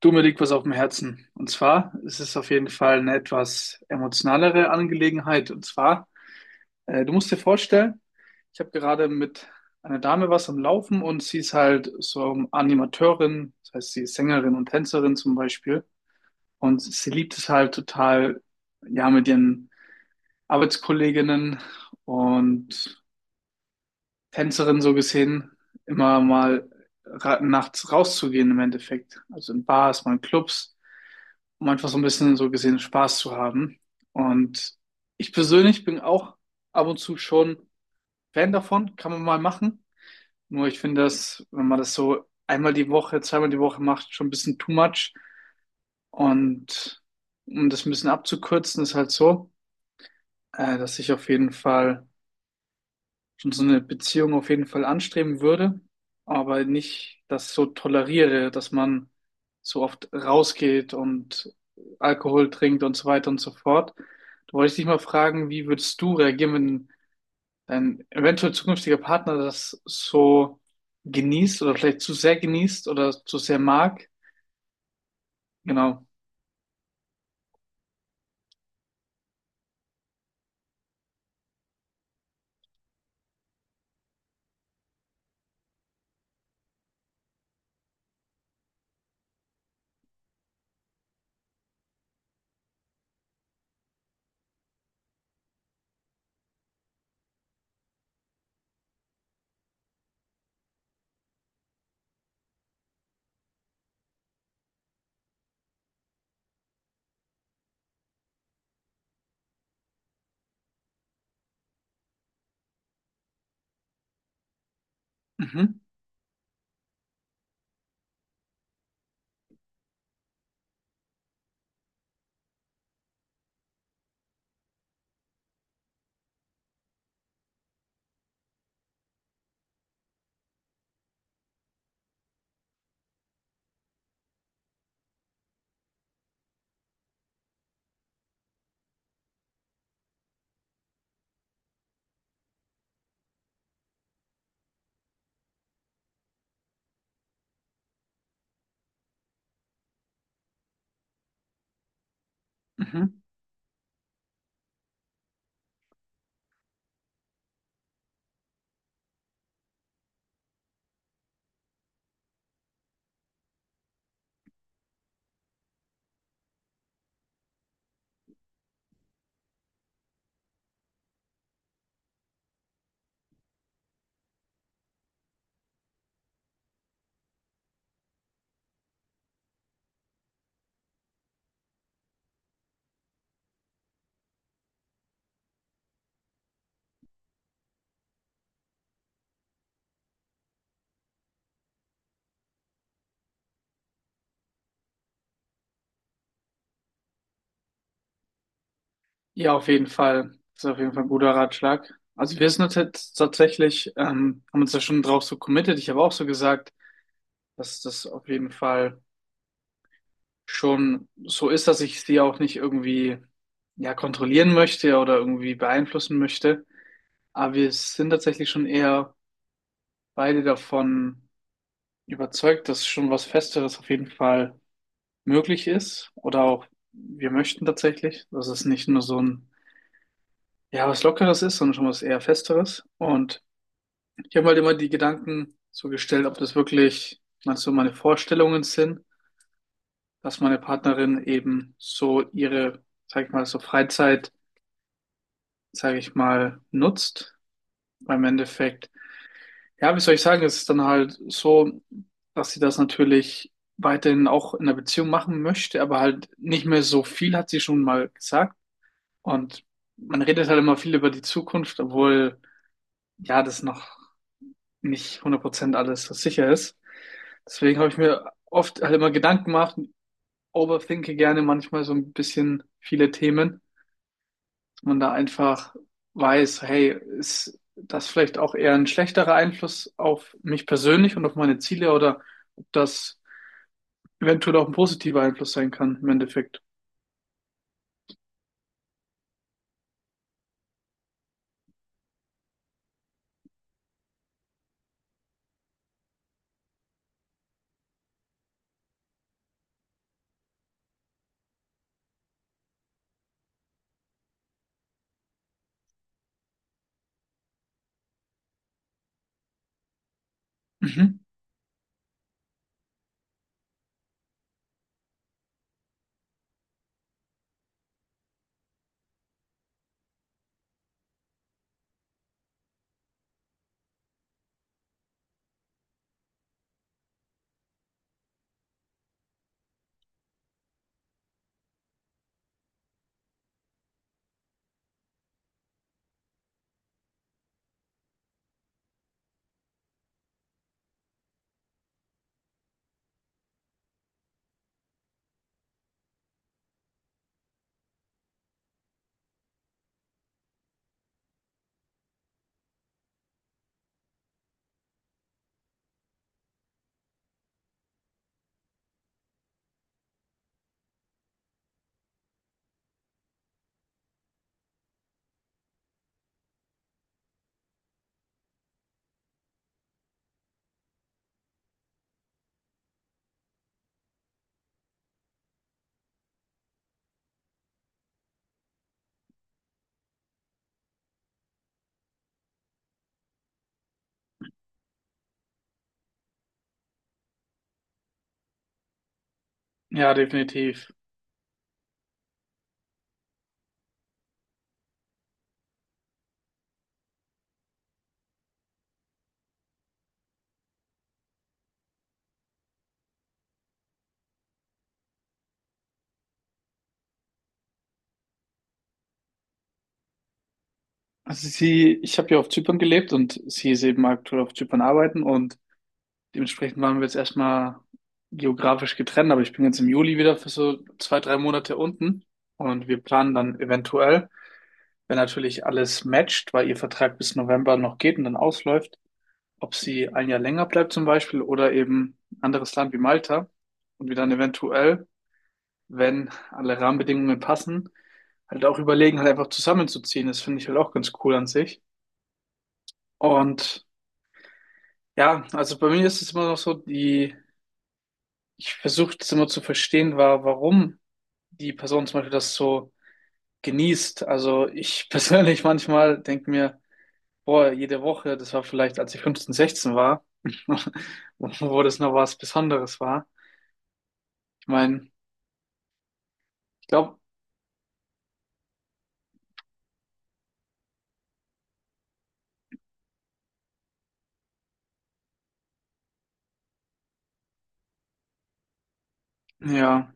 Du, mir liegt was auf dem Herzen. Und zwar ist es auf jeden Fall eine etwas emotionalere Angelegenheit. Und zwar, du musst dir vorstellen, ich habe gerade mit einer Dame was am Laufen, und sie ist halt so Animateurin, das heißt, sie ist Sängerin und Tänzerin zum Beispiel. Und sie liebt es halt total, ja, mit ihren Arbeitskolleginnen und Tänzerinnen so gesehen, immer mal ra nachts rauszugehen im Endeffekt. Also in Bars, mal in Clubs, um einfach so ein bisschen so gesehen Spaß zu haben. Und ich persönlich bin auch ab und zu schon Fan davon, kann man mal machen. Nur ich finde das, wenn man das so einmal die Woche, zweimal die Woche macht, schon ein bisschen too much. Und um das ein bisschen abzukürzen, ist halt so, dass ich auf jeden Fall schon so eine Beziehung auf jeden Fall anstreben würde, aber nicht das so toleriere, dass man so oft rausgeht und Alkohol trinkt und so weiter und so fort. Da wollte ich dich mal fragen, wie würdest du reagieren, wenn dein eventuell zukünftiger Partner das so genießt oder vielleicht zu sehr genießt oder zu sehr mag? Genau. Mhm. Mhm. Ja, auf jeden Fall. Das ist auf jeden Fall ein guter Ratschlag. Also wir sind uns jetzt tatsächlich, haben uns da schon drauf so committed. Ich habe auch so gesagt, dass das auf jeden Fall schon so ist, dass ich sie auch nicht irgendwie ja kontrollieren möchte oder irgendwie beeinflussen möchte. Aber wir sind tatsächlich schon eher beide davon überzeugt, dass schon was Festeres auf jeden Fall möglich ist. Oder auch wir möchten tatsächlich, dass es nicht nur so ein ja was Lockeres ist, sondern schon was eher Festeres. Und ich habe halt immer die Gedanken so gestellt, ob das wirklich mal so meine Vorstellungen sind, dass meine Partnerin eben so ihre, sag ich mal, so Freizeit, sag ich mal, nutzt. Weil im Endeffekt, ja, wie soll ich sagen, es ist dann halt so, dass sie das natürlich weiterhin auch in der Beziehung machen möchte, aber halt nicht mehr so viel, hat sie schon mal gesagt. Und man redet halt immer viel über die Zukunft, obwohl, ja, das noch nicht 100% alles so sicher ist. Deswegen habe ich mir oft halt immer Gedanken gemacht, overthinke gerne manchmal so ein bisschen viele Themen. Man da einfach weiß, hey, ist das vielleicht auch eher ein schlechterer Einfluss auf mich persönlich und auf meine Ziele oder ob das eventuell auch ein positiver Einfluss sein kann im Endeffekt. Mhm. Ja, definitiv. Also sie, ich habe ja auf Zypern gelebt und sie ist eben aktuell auf Zypern arbeiten, und dementsprechend waren wir jetzt erstmal geografisch getrennt, aber ich bin jetzt im Juli wieder für so 2, 3 Monate unten, und wir planen dann eventuell, wenn natürlich alles matcht, weil ihr Vertrag bis November noch geht und dann ausläuft, ob sie 1 Jahr länger bleibt zum Beispiel oder eben ein anderes Land wie Malta, und wir dann eventuell, wenn alle Rahmenbedingungen passen, halt auch überlegen, halt einfach zusammenzuziehen. Das finde ich halt auch ganz cool an sich. Und ja, also bei mir ist es immer noch so, die, ich versuche das immer zu verstehen, warum die Person zum Beispiel das so genießt. Also ich persönlich manchmal denke mir, boah, jede Woche, das war vielleicht, als ich 15, 16 war, wo das noch was Besonderes war. Ich meine, glaube, ja,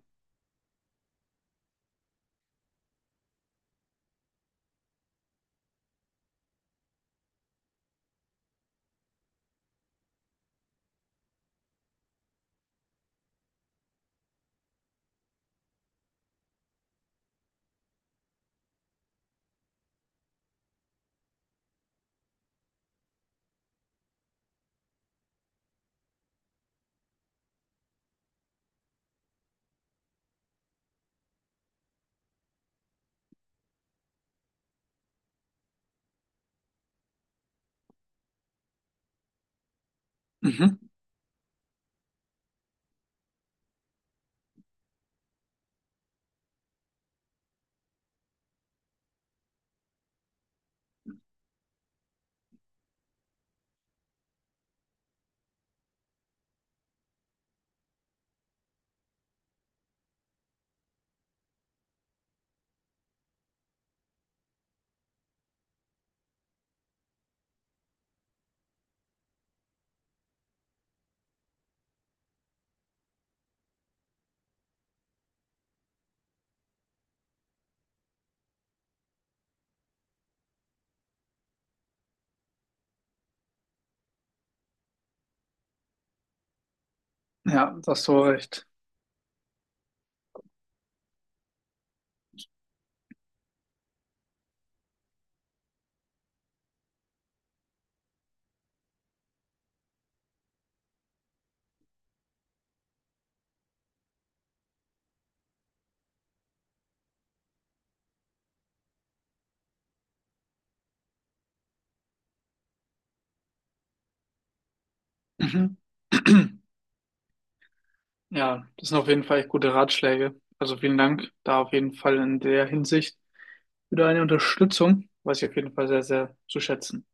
mhm. Ja, da hast du recht. Mhm. Ja, das sind auf jeden Fall echt gute Ratschläge. Also vielen Dank da auf jeden Fall in der Hinsicht für deine Unterstützung, weiß ich auf jeden Fall sehr, sehr zu schätzen.